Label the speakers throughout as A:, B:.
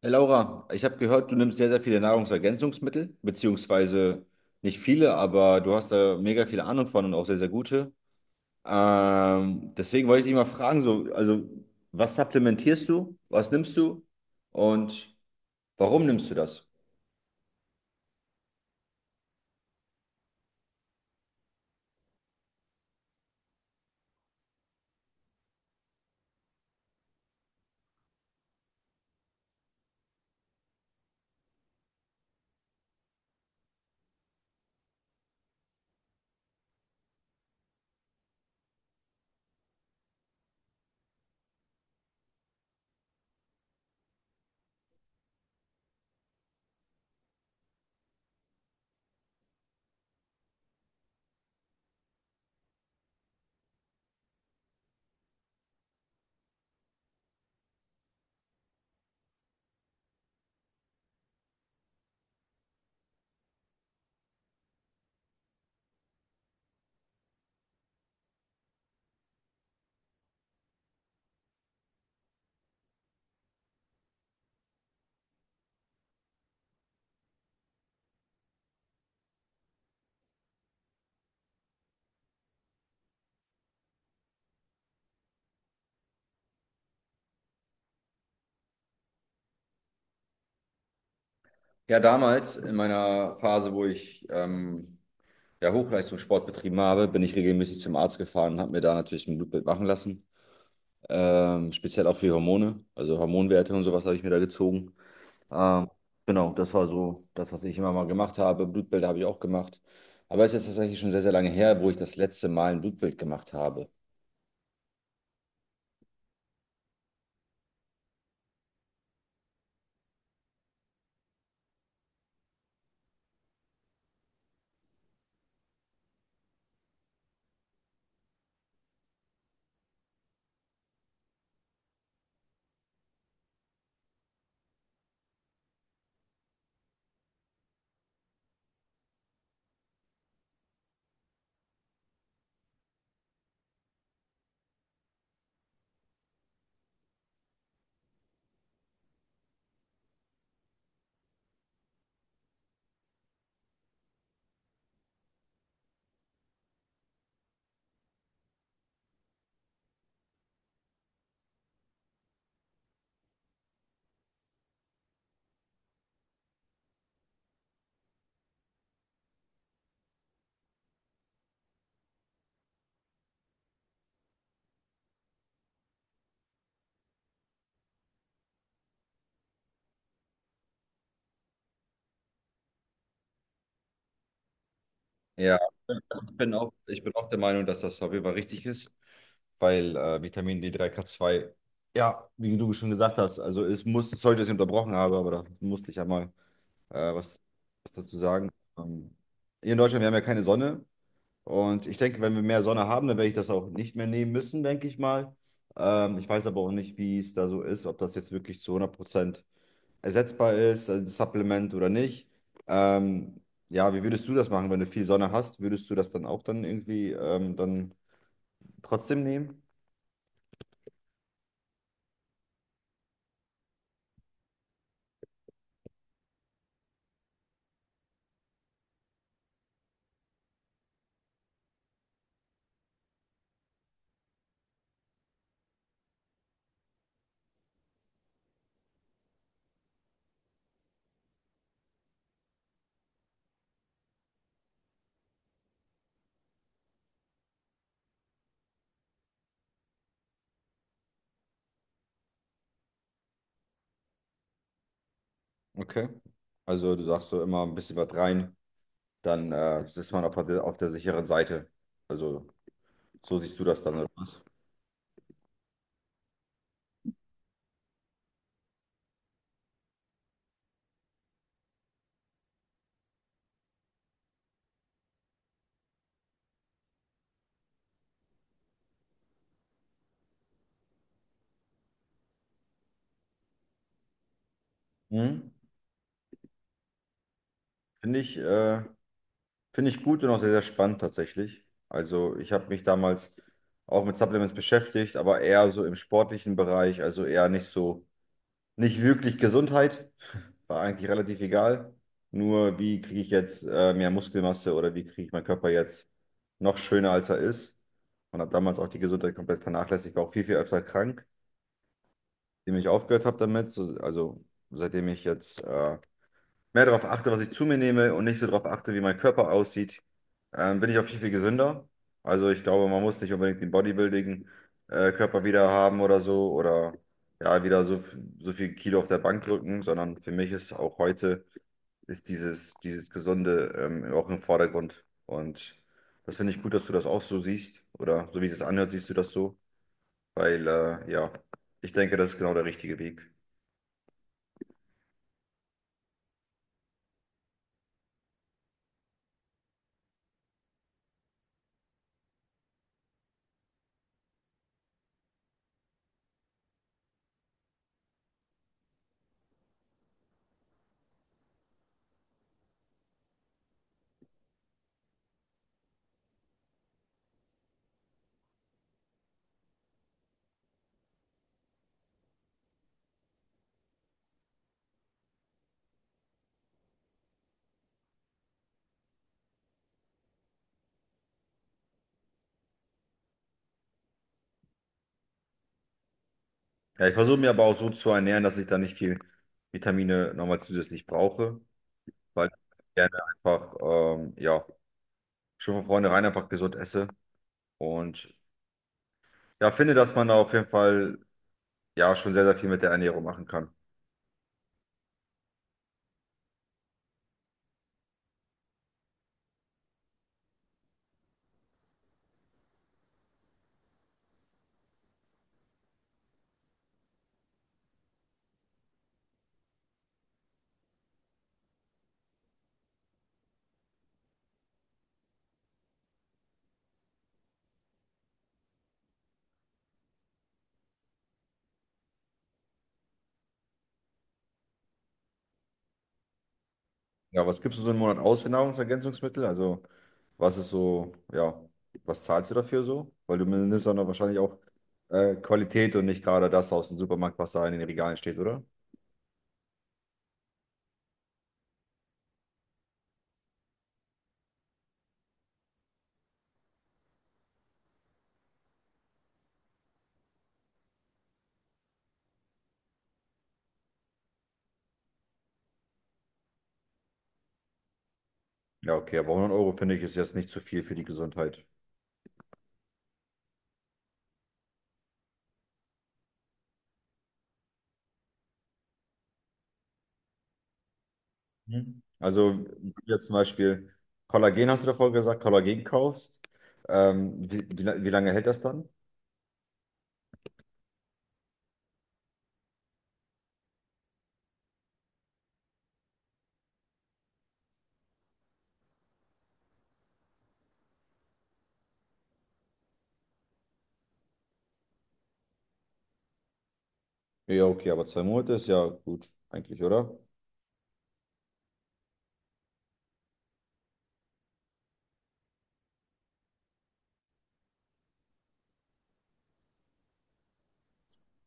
A: Hey Laura, ich habe gehört, du nimmst sehr, sehr viele Nahrungsergänzungsmittel, beziehungsweise nicht viele, aber du hast da mega viele Ahnung von und auch sehr, sehr gute. Deswegen wollte ich dich mal fragen, so, also was supplementierst du, was nimmst du und warum nimmst du das? Ja, damals in meiner Phase, wo ich ja, Hochleistungssport betrieben habe, bin ich regelmäßig zum Arzt gefahren und habe mir da natürlich ein Blutbild machen lassen. Speziell auch für Hormone, also Hormonwerte und sowas habe ich mir da gezogen. Ähm, genau, das war so das, was ich immer mal gemacht habe. Blutbild habe ich auch gemacht. Aber es ist jetzt tatsächlich schon sehr, sehr lange her, wo ich das letzte Mal ein Blutbild gemacht habe. Ja, ich bin auch der Meinung, dass das auf jeden Fall richtig ist, weil Vitamin D3, K2, ja, wie du schon gesagt hast, also es muss, sorry, dass ich unterbrochen habe, aber da musste ich ja mal was, was dazu sagen. Ähm, hier in Deutschland, wir haben ja keine Sonne. Und ich denke, wenn wir mehr Sonne haben, dann werde ich das auch nicht mehr nehmen müssen, denke ich mal. Ich weiß aber auch nicht, wie es da so ist, ob das jetzt wirklich zu 100% ersetzbar ist, also ein Supplement oder nicht. Ähm, ja, wie würdest du das machen, wenn du viel Sonne hast? Würdest du das dann auch dann irgendwie dann trotzdem nehmen? Okay. Also du sagst so immer ein bisschen was rein, dann ist man auf der sicheren Seite. Also so siehst du das dann oder was? Mhm. Finde ich äh, Finde ich gut und auch sehr, sehr spannend tatsächlich. Also ich habe mich damals auch mit Supplements beschäftigt, aber eher so im sportlichen Bereich, also eher nicht so, nicht wirklich Gesundheit, war eigentlich relativ egal. Nur wie kriege ich jetzt mehr Muskelmasse oder wie kriege ich meinen Körper jetzt noch schöner, als er ist. Und habe damals auch die Gesundheit komplett vernachlässigt, war auch viel, viel öfter krank, indem ich aufgehört habe damit. So, also seitdem ich jetzt mehr darauf achte, was ich zu mir nehme und nicht so darauf achte, wie mein Körper aussieht, bin ich auch viel, viel gesünder. Also ich glaube, man muss nicht unbedingt den Bodybuilding-Körper wieder haben oder so oder ja, wieder so, so viel Kilo auf der Bank drücken, sondern für mich ist auch heute ist dieses Gesunde auch im Vordergrund. Und das finde ich gut, dass du das auch so siehst oder so wie es sich anhört, siehst du das so, weil ja, ich denke, das ist genau der richtige Weg. Ja, ich versuche mir aber auch so zu ernähren, dass ich da nicht viel Vitamine nochmal zusätzlich brauche, weil ich gerne einfach, ja, schon von vornherein einfach gesund esse und ja, finde, dass man da auf jeden Fall ja schon sehr, sehr viel mit der Ernährung machen kann. Ja, was gibst du so einen Monat aus für Nahrungsergänzungsmittel? Also, was ist so, ja, was zahlst du dafür so? Weil du nimmst dann doch wahrscheinlich auch Qualität und nicht gerade das aus dem Supermarkt, was da in den Regalen steht, oder? Ja, okay, aber 100 € finde ich ist jetzt nicht zu viel für die Gesundheit. Mhm. Also, wenn du jetzt zum Beispiel Kollagen, hast du davor gesagt, Kollagen kaufst, wie lange hält das dann? Ja, okay, aber 2 Monate ist ja gut, eigentlich, oder?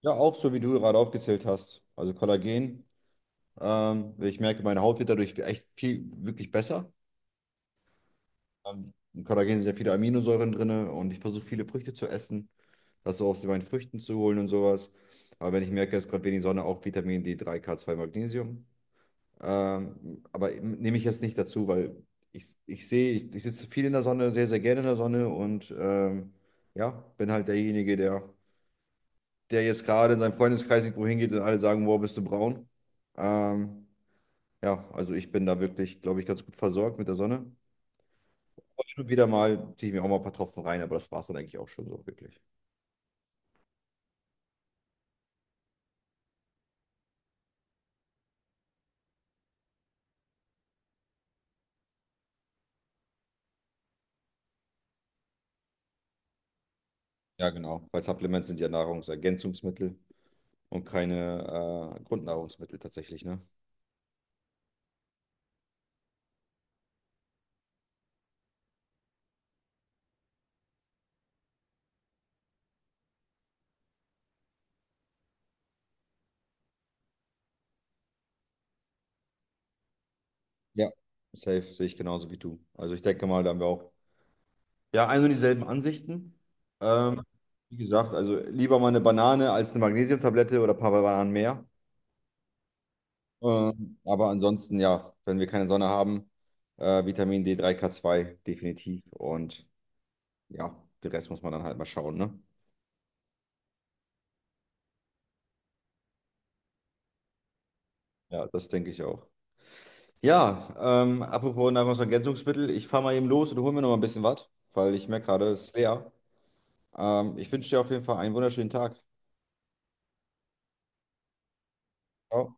A: Ja, auch so, wie du gerade aufgezählt hast. Also Kollagen, ich merke, meine Haut wird dadurch echt viel, wirklich besser. In Kollagen sind ja viele Aminosäuren drin und ich versuche viele Früchte zu essen, das so aus meinen Früchten zu holen und sowas. Aber wenn ich merke, es ist gerade wenig Sonne, auch Vitamin D3, K2, Magnesium. Aber nehme ich jetzt nicht dazu, weil ich sehe, ich sitze viel in der Sonne, sehr, sehr gerne in der Sonne und ja, bin halt derjenige, der jetzt gerade in seinem Freundeskreis irgendwo hingeht und alle sagen, wow, bist du braun. Ähm, ja, also ich bin da wirklich, glaube ich, ganz gut versorgt mit der Sonne. Aber hin und wieder mal ziehe ich mir auch mal ein paar Tropfen rein, aber das war es dann eigentlich auch schon so wirklich. Ja, genau, weil Supplements sind ja Nahrungsergänzungsmittel und keine Grundnahrungsmittel tatsächlich, ne? Ja, safe sehe ich genauso wie du. Also ich denke mal, da haben wir auch ja ein und dieselben Ansichten. Ähm, wie gesagt, also lieber mal eine Banane als eine Magnesiumtablette oder ein paar Bananen mehr. Aber ansonsten, ja, wenn wir keine Sonne haben, Vitamin D3, K2 definitiv. Und ja, den Rest muss man dann halt mal schauen, ne? Ja, das denke ich auch. Ja, apropos Nahrungsergänzungsmittel, ich fahre mal eben los und hole mir noch mal ein bisschen was, weil ich merke gerade, es ist leer. Ich wünsche dir auf jeden Fall einen wunderschönen Tag. Ciao.